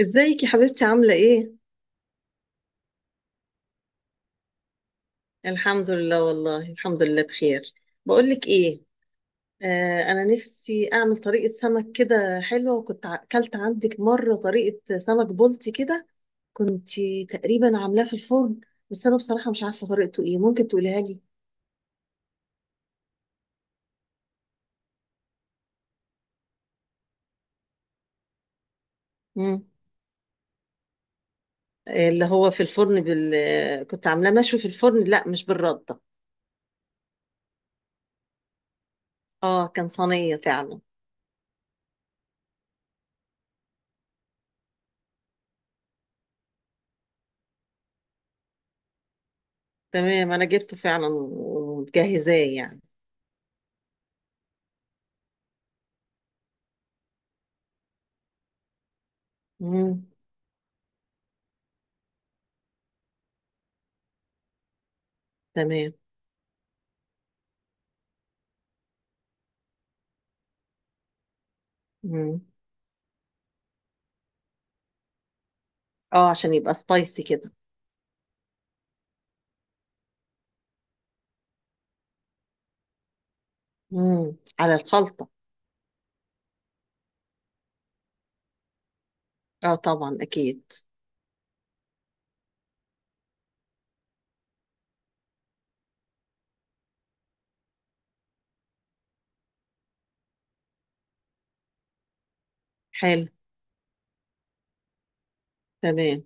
ازيك يا حبيبتي عاملة ايه؟ الحمد لله والله الحمد لله بخير. بقولك ايه، انا نفسي اعمل طريقة سمك كده حلوة، وكنت اكلت عندك مرة طريقة سمك بلطي كده. كنت تقريبا عاملاه في الفرن، بس انا بصراحة مش عارفة طريقته ايه، ممكن تقوليها لي؟ مم. اللي هو في الفرن بال آه، كنت عاملاه مشوي في الفرن، لا مش بالردة. اه كان صينية فعلا. تمام، انا جبته فعلا ومجهزاه يعني. مم. تمام. مم. اه عشان يبقى سبايسي كده. امم، على الخلطة. اه طبعا اكيد. حلو. تمام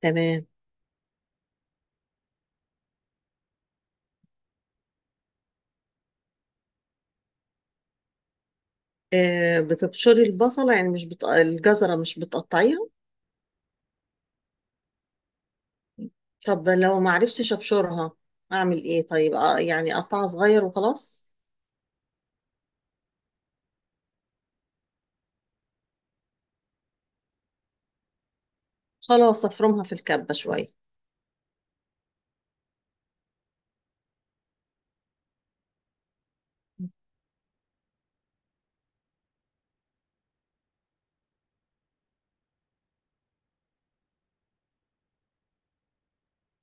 تمام. آه بتبشري البصلة يعني مش بت... الجزرة مش بتقطعيها؟ طب لو ما عرفتش ابشرها اعمل ايه طيب؟ يعني اقطعها صغير وخلاص. خلاص افرمها في الكبة شوية.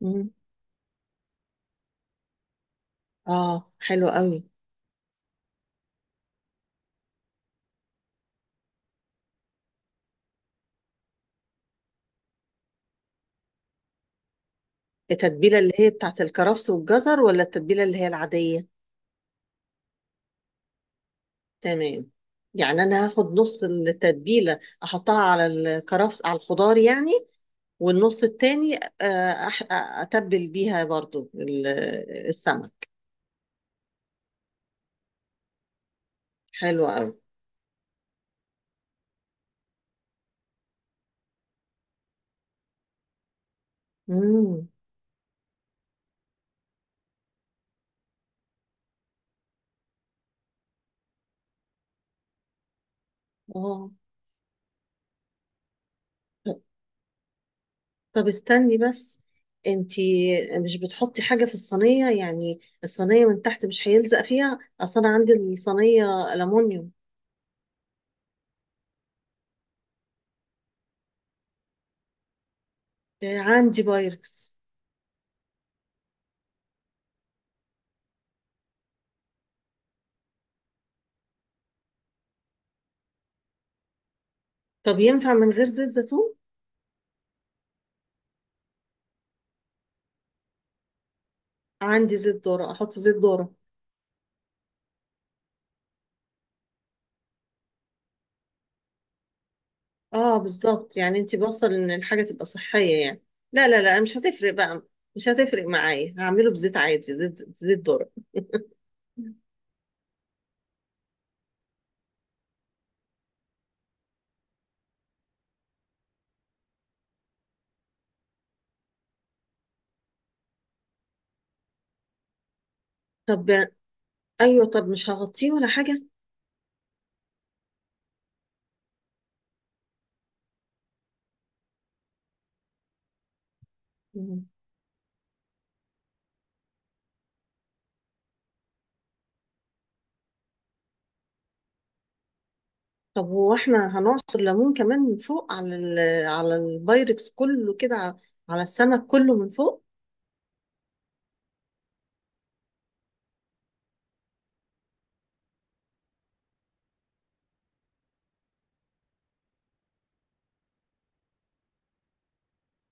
امم. اه حلو قوي. التتبيلة اللي هي بتاعت الكرفس والجزر، ولا التتبيلة اللي هي العادية؟ تمام. يعني انا هاخد نص التتبيلة احطها على الكرفس، على الخضار يعني، والنص التاني، أتبل بيها برضو السمك. حلو قوي. امم. اه. طب، طب استني بس، انتي مش بتحطي حاجة في الصينية؟ يعني الصينية من تحت مش هيلزق فيها؟ اصل انا عندي الصينية ألمونيوم. عندي بايركس. طب ينفع من غير زيت زيتون؟ عندي زيت ذرة، احط زيت ذرة. اه بالظبط، يعني انت بوصل ان الحاجه تبقى صحيه يعني. لا مش هتفرق بقى، مش هتفرق معايا، هعمله بزيت عادي، زيت ذرة. طب، ايوه، طب مش هغطيه ولا حاجه؟ مم. طب هو احنا هنعصر ليمون كمان من فوق على على البايركس كله كده على السمك كله من فوق؟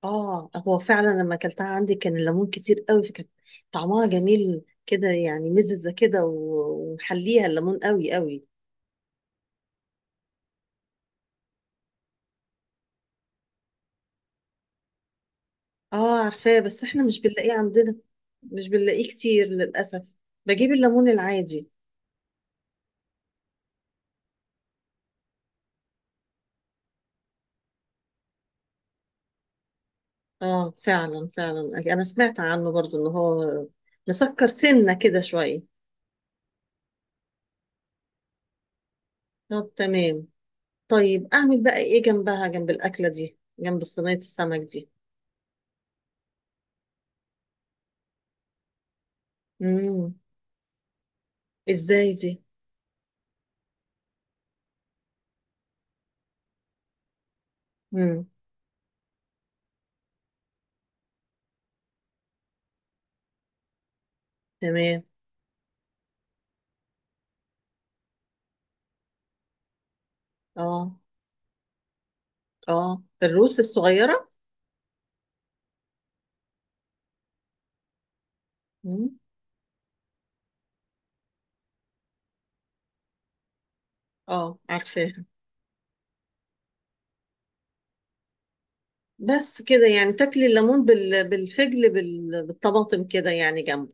اه. هو فعلا لما اكلتها عندي كان الليمون كتير قوي، فكانت طعمها جميل كده يعني، مززه كده ومحليها الليمون قوي قوي. اه عارفاه، بس احنا مش بنلاقيه عندنا، مش بنلاقيه كتير للأسف، بجيب الليمون العادي. اه فعلا فعلا، انا سمعت عنه برضو ان هو مسكر سنة كده شوية. طب تمام. طيب اعمل بقى ايه جنبها، جنب الأكلة دي، جنب صينية السمك دي؟ امم. ازاي دي؟ امم. تمام. اه. اه الروس الصغيرة. امم. اه عارفاها. بس كده؟ يعني تاكلي الليمون بالفجل بالطماطم كده، يعني جنبه.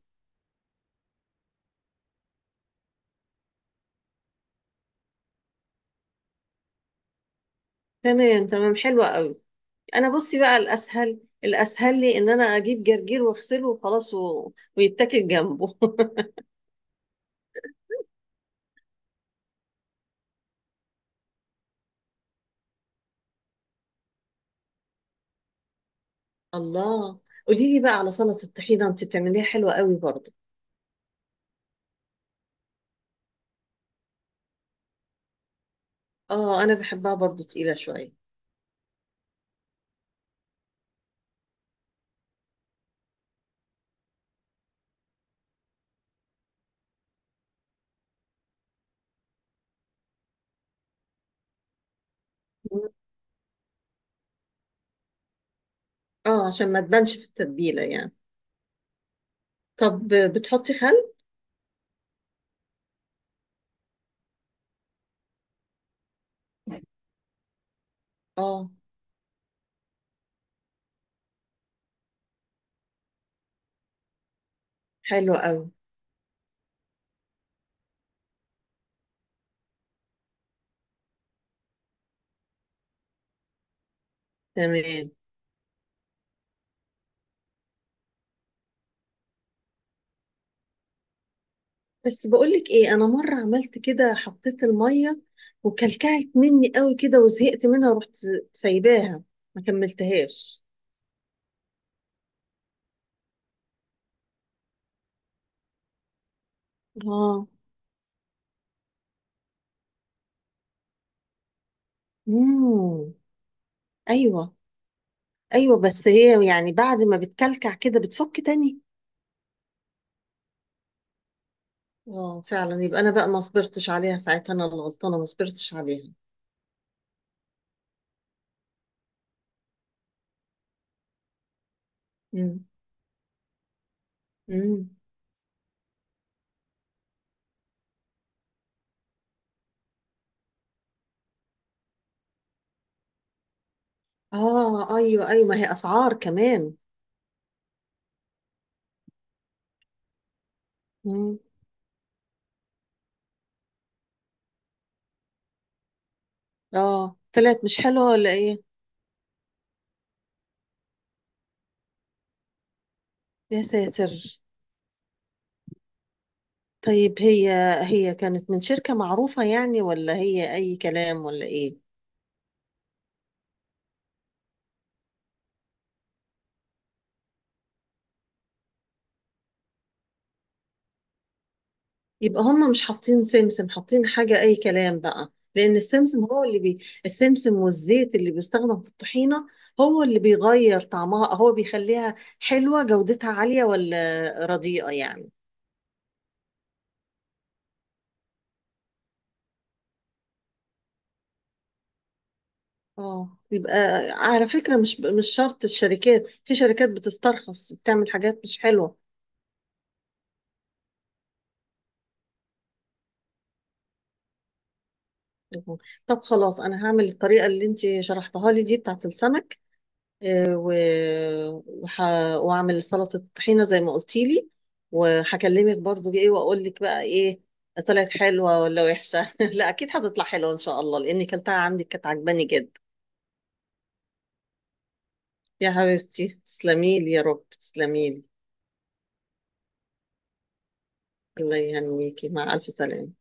تمام تمام، حلوة قوي. انا بصي بقى، الاسهل الاسهل لي ان انا اجيب جرجير واغسله وخلاص و... ويتاكل جنبه. الله. قولي لي بقى على سلطة الطحينة، انت بتعمليها حلوة قوي برضه. اه انا بحبها برضه تقيلة شوية. اه عشان ما تبانش في التتبيلة يعني. طب بتحطي خل؟ اه حلو قوي. تمام. بس بقولك ايه، انا مرة عملت كده، حطيت المية وكلكعت مني قوي كده وزهقت منها، ورحت سايباها، ما كملتهاش. اه. امم. ايوه ايوه، بس هي يعني بعد ما بتكلكع كده بتفك تاني. اه فعلا، يبقى انا بقى ما صبرتش عليها ساعتها، انا اللي غلطانه، ما صبرتش عليها. امم. امم. اه ايوه، ما هي اسعار كمان. امم. اه طلعت مش حلوه ولا ايه؟ يا ساتر. طيب هي، هي كانت من شركه معروفه يعني، ولا هي اي كلام ولا ايه؟ يبقى هم مش حاطين سمسم، حاطين حاجة أي كلام بقى، لأن السمسم هو اللي السمسم والزيت اللي بيستخدم في الطحينة هو اللي بيغير طعمها، هو بيخليها حلوة، جودتها عالية ولا رديئة يعني. اه. يبقى، على فكرة، مش شرط الشركات، في شركات بتسترخص بتعمل حاجات مش حلوة. طب خلاص، أنا هعمل الطريقة اللي أنت شرحتها لي دي بتاعت السمك، آه، و- وح... واعمل سلطة طحينة زي ما قلتي لي، وهكلمك برضو، ايه واقول لك بقى، ايه طلعت حلوة ولا وحشة؟ لا اكيد هتطلع حلوة ان شاء الله، لاني كلتها عندك كانت عجباني جدا. يا حبيبتي تسلمي لي يا رب، تسلمي لي. الله يهنيكي، مع ألف سلامة.